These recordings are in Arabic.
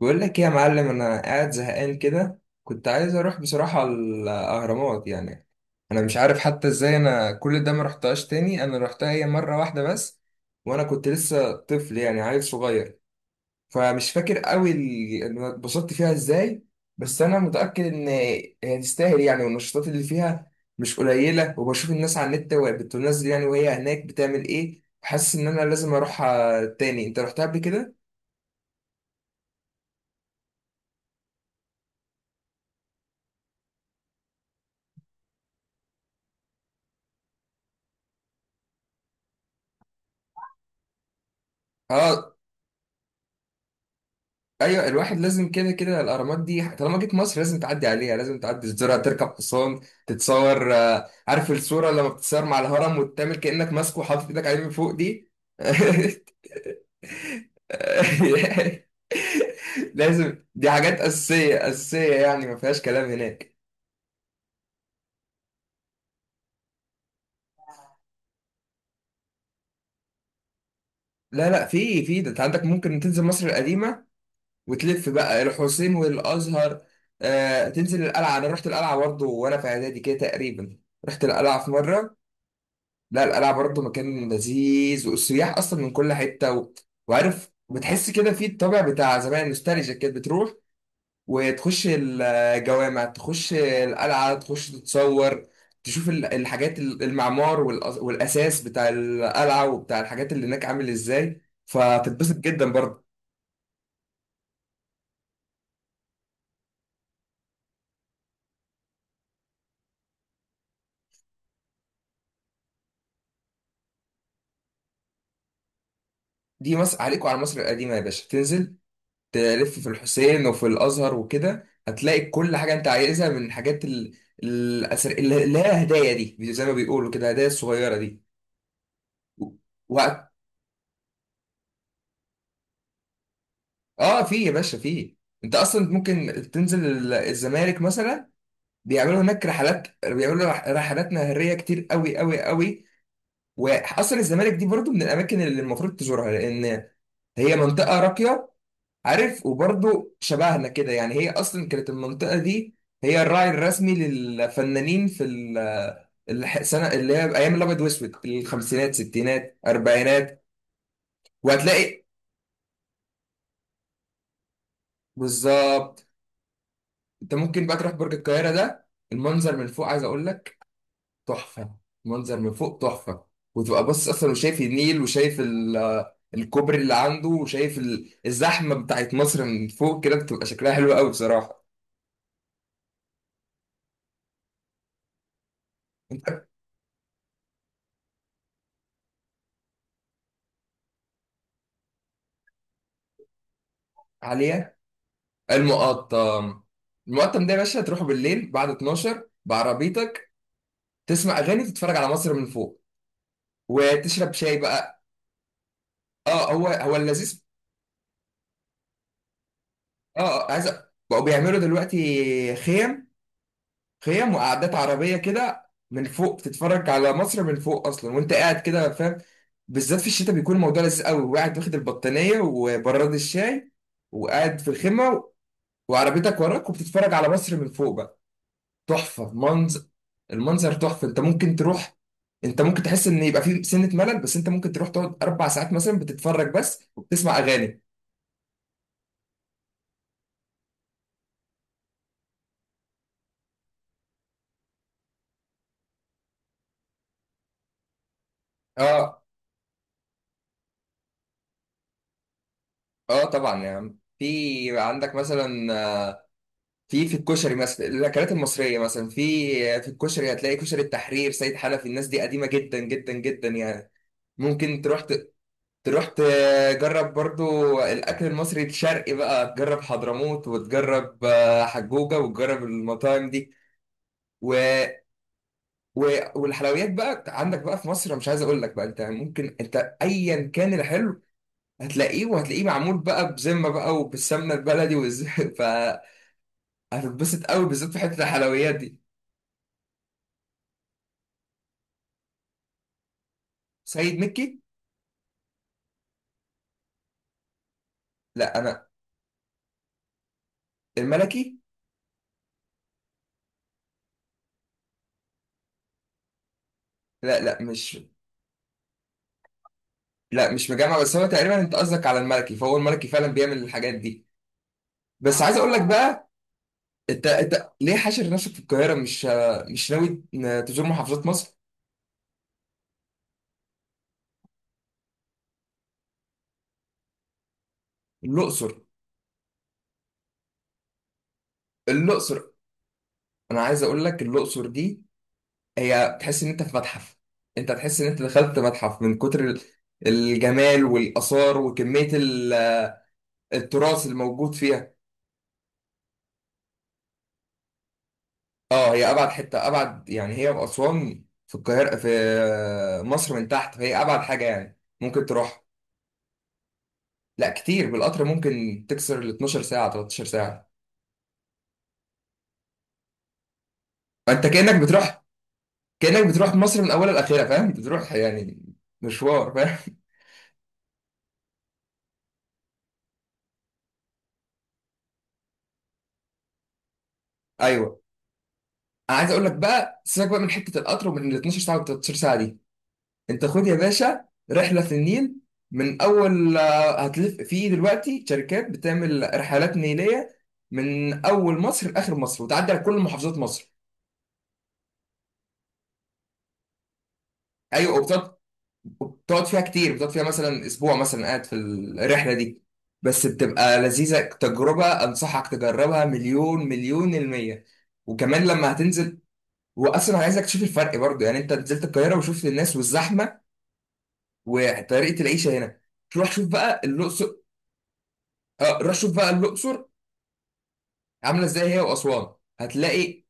بقول لك ايه يا معلم، انا قاعد زهقان كده، كنت عايز اروح بصراحة الاهرامات يعني. انا مش عارف حتى ازاي انا كل ده ما رحتهاش تاني، انا رحتها هي مرة واحدة بس وانا كنت لسه طفل يعني، عيل صغير. فمش فاكر قوي انا اتبسطت فيها ازاي. بس انا متأكد ان هي تستاهل يعني، والنشاطات اللي فيها مش قليلة. وبشوف الناس على النت وهي بتنزل يعني، وهي هناك بتعمل ايه، حاسس ان انا لازم اروحها تاني. انت رحتها قبل كده؟ اه. ايوه الواحد لازم، كده كده الاهرامات دي طالما جيت مصر لازم تعدي عليها، لازم تعدي تزورها، تركب حصان، تتصور. عارف الصوره لما بتتصور مع الهرم وتعمل كانك ماسكه وحاطط ايدك عليه من فوق دي. لازم دي حاجات اساسيه اساسيه يعني، ما فيهاش كلام هناك. لا لا، في ده انت عندك، ممكن تنزل مصر القديمه وتلف بقى الحسين والازهر. آه تنزل القلعه، انا رحت القلعه برضه وانا في اعدادي كده تقريبا، رحت القلعه في مره. لا القلعة برضه مكان لذيذ، والسياح أصلا من كل حتة وعارف بتحس كده في الطابع بتاع زمان، نوستالجيا كده بتروح وتخش الجوامع، تخش القلعة، تخش تتصور، تشوف الحاجات المعمار والأساس بتاع القلعة وبتاع الحاجات اللي هناك عامل إزاي، فتتبسط جدا برضه. دي مصر، عليكم على مصر القديمة يا باشا، تنزل تلف في الحسين وفي الازهر وكده، هتلاقي كل حاجه انت عايزها من الحاجات الأثر، اللي هي هدايا دي، زي ما بيقولوا كده، هدايا الصغيره دي. وقت. اه في يا باشا في، انت اصلا ممكن تنزل الزمالك مثلا، بيعملوا هناك رحلات، بيعملوا رحلات نهريه كتير قوي قوي قوي. واصلا الزمالك دي برضو من الاماكن اللي المفروض تزورها، لان هي منطقه راقيه. عارف، وبرضه شبهنا كده يعني، هي اصلا كانت المنطقه دي هي الراعي الرسمي للفنانين في السنه اللي هي ايام الابيض واسود، الخمسينات ستينات اربعينات. وهتلاقي، بالظبط. انت ممكن بقى تروح برج القاهره ده، المنظر من فوق عايز اقول لك تحفه، المنظر من فوق تحفه. وتبقى باصص اصلا وشايف النيل وشايف الكوبري اللي عنده، وشايف الزحمه بتاعت مصر من فوق كده بتبقى شكلها حلو قوي بصراحه. عليا. المقطم. المقطم ده يا باشا تروح بالليل بعد 12 بعربيتك، تسمع اغاني، تتفرج على مصر من فوق، وتشرب شاي بقى. اه هو هو اللذيذ. اه آه، عايز أ- بقوا بيعملوا دلوقتي خيم، خيم وقعدات عربيه كده من فوق، بتتفرج على مصر من فوق اصلا وانت قاعد كده، فاهم. بالذات في الشتاء بيكون الموضوع لذيذ قوي، وقاعد واخد البطانيه وبراد الشاي، وقاعد في الخيمه، وعربيتك وراك، وبتتفرج على مصر من فوق بقى. تحفه منظر، المنظر تحفه. انت ممكن تروح، انت ممكن تحس ان يبقى في سنه ملل، بس انت ممكن تروح تقعد 4 ساعات مثلا بتتفرج بس وبتسمع اغاني. اه. اه طبعا يا عم، في عندك مثلا، آه، في الكشري مثلا، الاكلات المصريه مثلا، في في الكشري هتلاقي كشري التحرير، سيد حنفي، الناس دي قديمه جدا جدا جدا يعني. ممكن تروح تروح تجرب برضو الاكل المصري الشرقي بقى، تجرب حضرموت، وتجرب حجوجه، وتجرب المطاعم دي. والحلويات بقى عندك بقى في مصر، أنا مش عايز اقول لك بقى، انت ايا كان الحلو هتلاقيه، وهتلاقيه معمول بقى بذمه بقى، وبالسمنه البلدي فهتتبسط قوي بالذات في حته الحلويات دي. سيد مكي. لا انا. الملكي. لا لا، مش لا مش مجمع، بس هو تقريبا انت قصدك على الملكي، فهو الملكي فعلا بيعمل الحاجات دي. بس عايز اقول لك بقى، انت ليه حاشر نفسك في القاهره، مش ناوي تزور محافظات مصر؟ الاقصر. الاقصر، انا عايز اقول لك الاقصر دي، هي تحس ان انت في متحف، انت تحس ان انت دخلت متحف من كتر الجمال والاثار وكميه التراث الموجود فيها. اه هي ابعد حته، ابعد يعني، هي واسوان في القاهره، في مصر من تحت، فهي ابعد حاجه يعني ممكن تروح. لا كتير، بالقطر ممكن تكسر ال 12 ساعه 13 ساعه. فانت كانك بتروح مصر من اولها لاخرها، فاهم، بتروح يعني مشوار، فاهم. ايوه. انا عايز اقول لك بقى، سيبك بقى من حته القطر ومن ال 12 ساعه وال 13 ساعه دي، انت خد يا باشا رحله في النيل، من اول هتلف في، دلوقتي شركات بتعمل رحلات نيليه من اول مصر لاخر مصر وتعدي على كل محافظات مصر. ايوه، وبتقعد فيها كتير، بتقعد فيها مثلا اسبوع مثلا قاعد في الرحله دي، بس بتبقى لذيذه، تجربه انصحك تجربها، مليون المية. وكمان لما هتنزل، واصلا عايزك تشوف الفرق برضه يعني، انت نزلت القاهره وشفت الناس والزحمه وطريقه العيشه هنا، تروح شوف بقى الاقصر. اه روح شوف بقى الاقصر عامله ازاي هي واسوان. هتلاقي،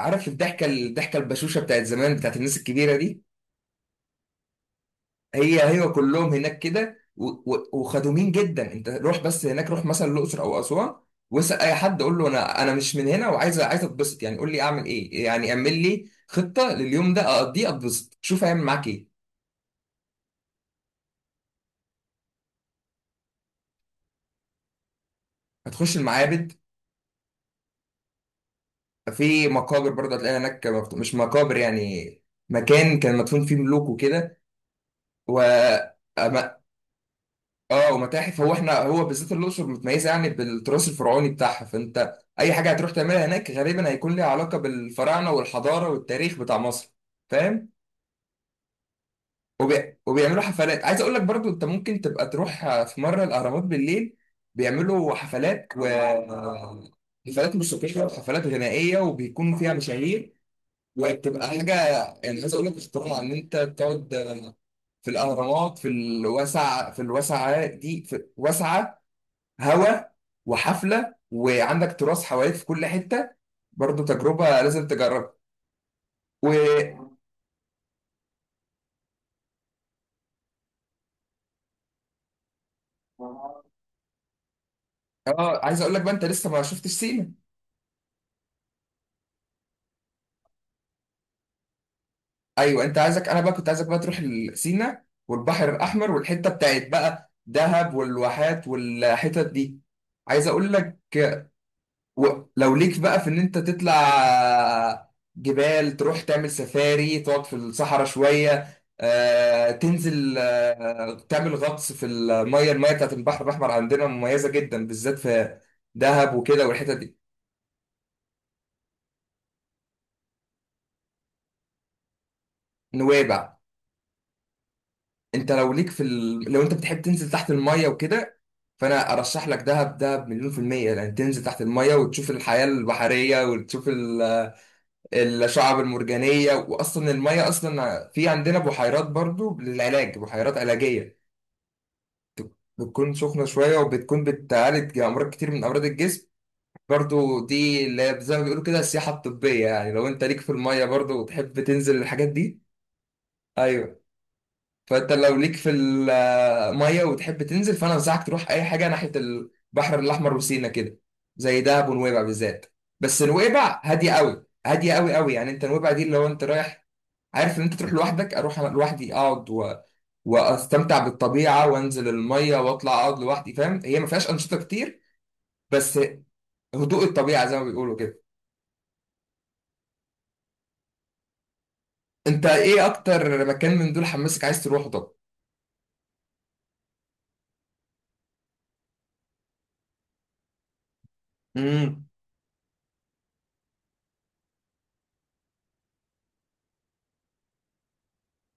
عارف، الضحكه البشوشه بتاعت زمان، بتاعت الناس الكبيره دي، هي كلهم هناك كده، وخدومين جدا. انت روح بس هناك، روح مثلا الاقصر او اسوان، واسال اي حد، قول له انا مش من هنا، وعايز عايز اتبسط يعني، قول لي اعمل ايه يعني، اعمل لي خطه لليوم ده اقضيه اتبسط، شوف هيعمل معاك ايه. هتخش المعابد، في مقابر برضه هتلاقي هناك مش مقابر يعني، مكان كان مدفون فيه ملوك وكده. و اه ومتاحف. هو بالذات الاقصر متميزه يعني بالتراث الفرعوني بتاعها، فانت اي حاجه هتروح تعملها هناك غالبا هيكون ليها علاقه بالفراعنه والحضاره والتاريخ بتاع مصر، فاهم. وبيعملوا حفلات، عايز اقول لك برضو، انت ممكن تبقى تروح في مره الاهرامات بالليل، بيعملوا حفلات، و حفلات موسيقيه وحفلات غنائيه، وبيكون فيها مشاهير، وبتبقى حاجه، يعني عايز اقول لك اختراع، ان انت تقعد في الاهرامات، في الواسعه، في الواسعه دي، في واسعه، هوا، وحفله، وعندك تراث حواليك في كل حته، برضو تجربه لازم تجربها. و اه عايز اقول لك بقى، انت لسه ما شفتش سينا. ايوه عايزك، انا بقى كنت عايزك بقى تروح سينا والبحر الاحمر، والحته بتاعت بقى دهب والواحات والحتت دي. عايز اقول لك، ولو ليك بقى في ان انت تطلع جبال، تروح تعمل سفاري، تقعد في الصحراء شوية، تنزل تعمل غطس في المية بتاعت البحر الأحمر عندنا مميزة جدا بالذات في دهب وكده والحتت دي. نويبع. انت لو ليك لو انت بتحب تنزل تحت المية وكده، فانا ارشح لك دهب، دهب مليون في المية، لان تنزل تحت المية وتشوف الحياة البحرية وتشوف الشعب المرجانية. وأصلا المية أصلا، في عندنا بحيرات برضو للعلاج، بحيرات علاجية بتكون سخنة شوية وبتكون بتعالج أمراض كتير من أمراض الجسم. برضو دي اللي هي زي ما بيقولوا كده السياحة الطبية يعني، لو أنت ليك في المية برضو وتحب تنزل الحاجات دي. أيوة. فأنت لو ليك في المية وتحب تنزل، فأنا أنصحك تروح أي حاجة ناحية البحر الأحمر وسينا كده، زي دهب ونويبع بالذات. بس نويبع هادية أوي، هادية أوي أوي يعني، أنت نويبع دي اللي هو أنت رايح عارف ان انت تروح لوحدك، اروح انا لوحدي اقعد واستمتع بالطبيعه وانزل الميه واطلع اقعد لوحدي، فاهم، هي ما فيهاش انشطه كتير، بس هدوء الطبيعه زي ما بيقولوا كده. انت ايه اكتر مكان من دول حماسك عايز تروحه؟ طب. امم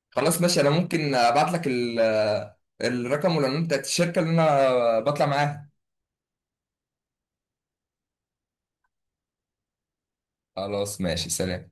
خلاص ماشي، انا ممكن ابعت لك الرقم والعنوان بتاعت الشركه اللي انا بطلع معاها. خلاص ماشي، سلام.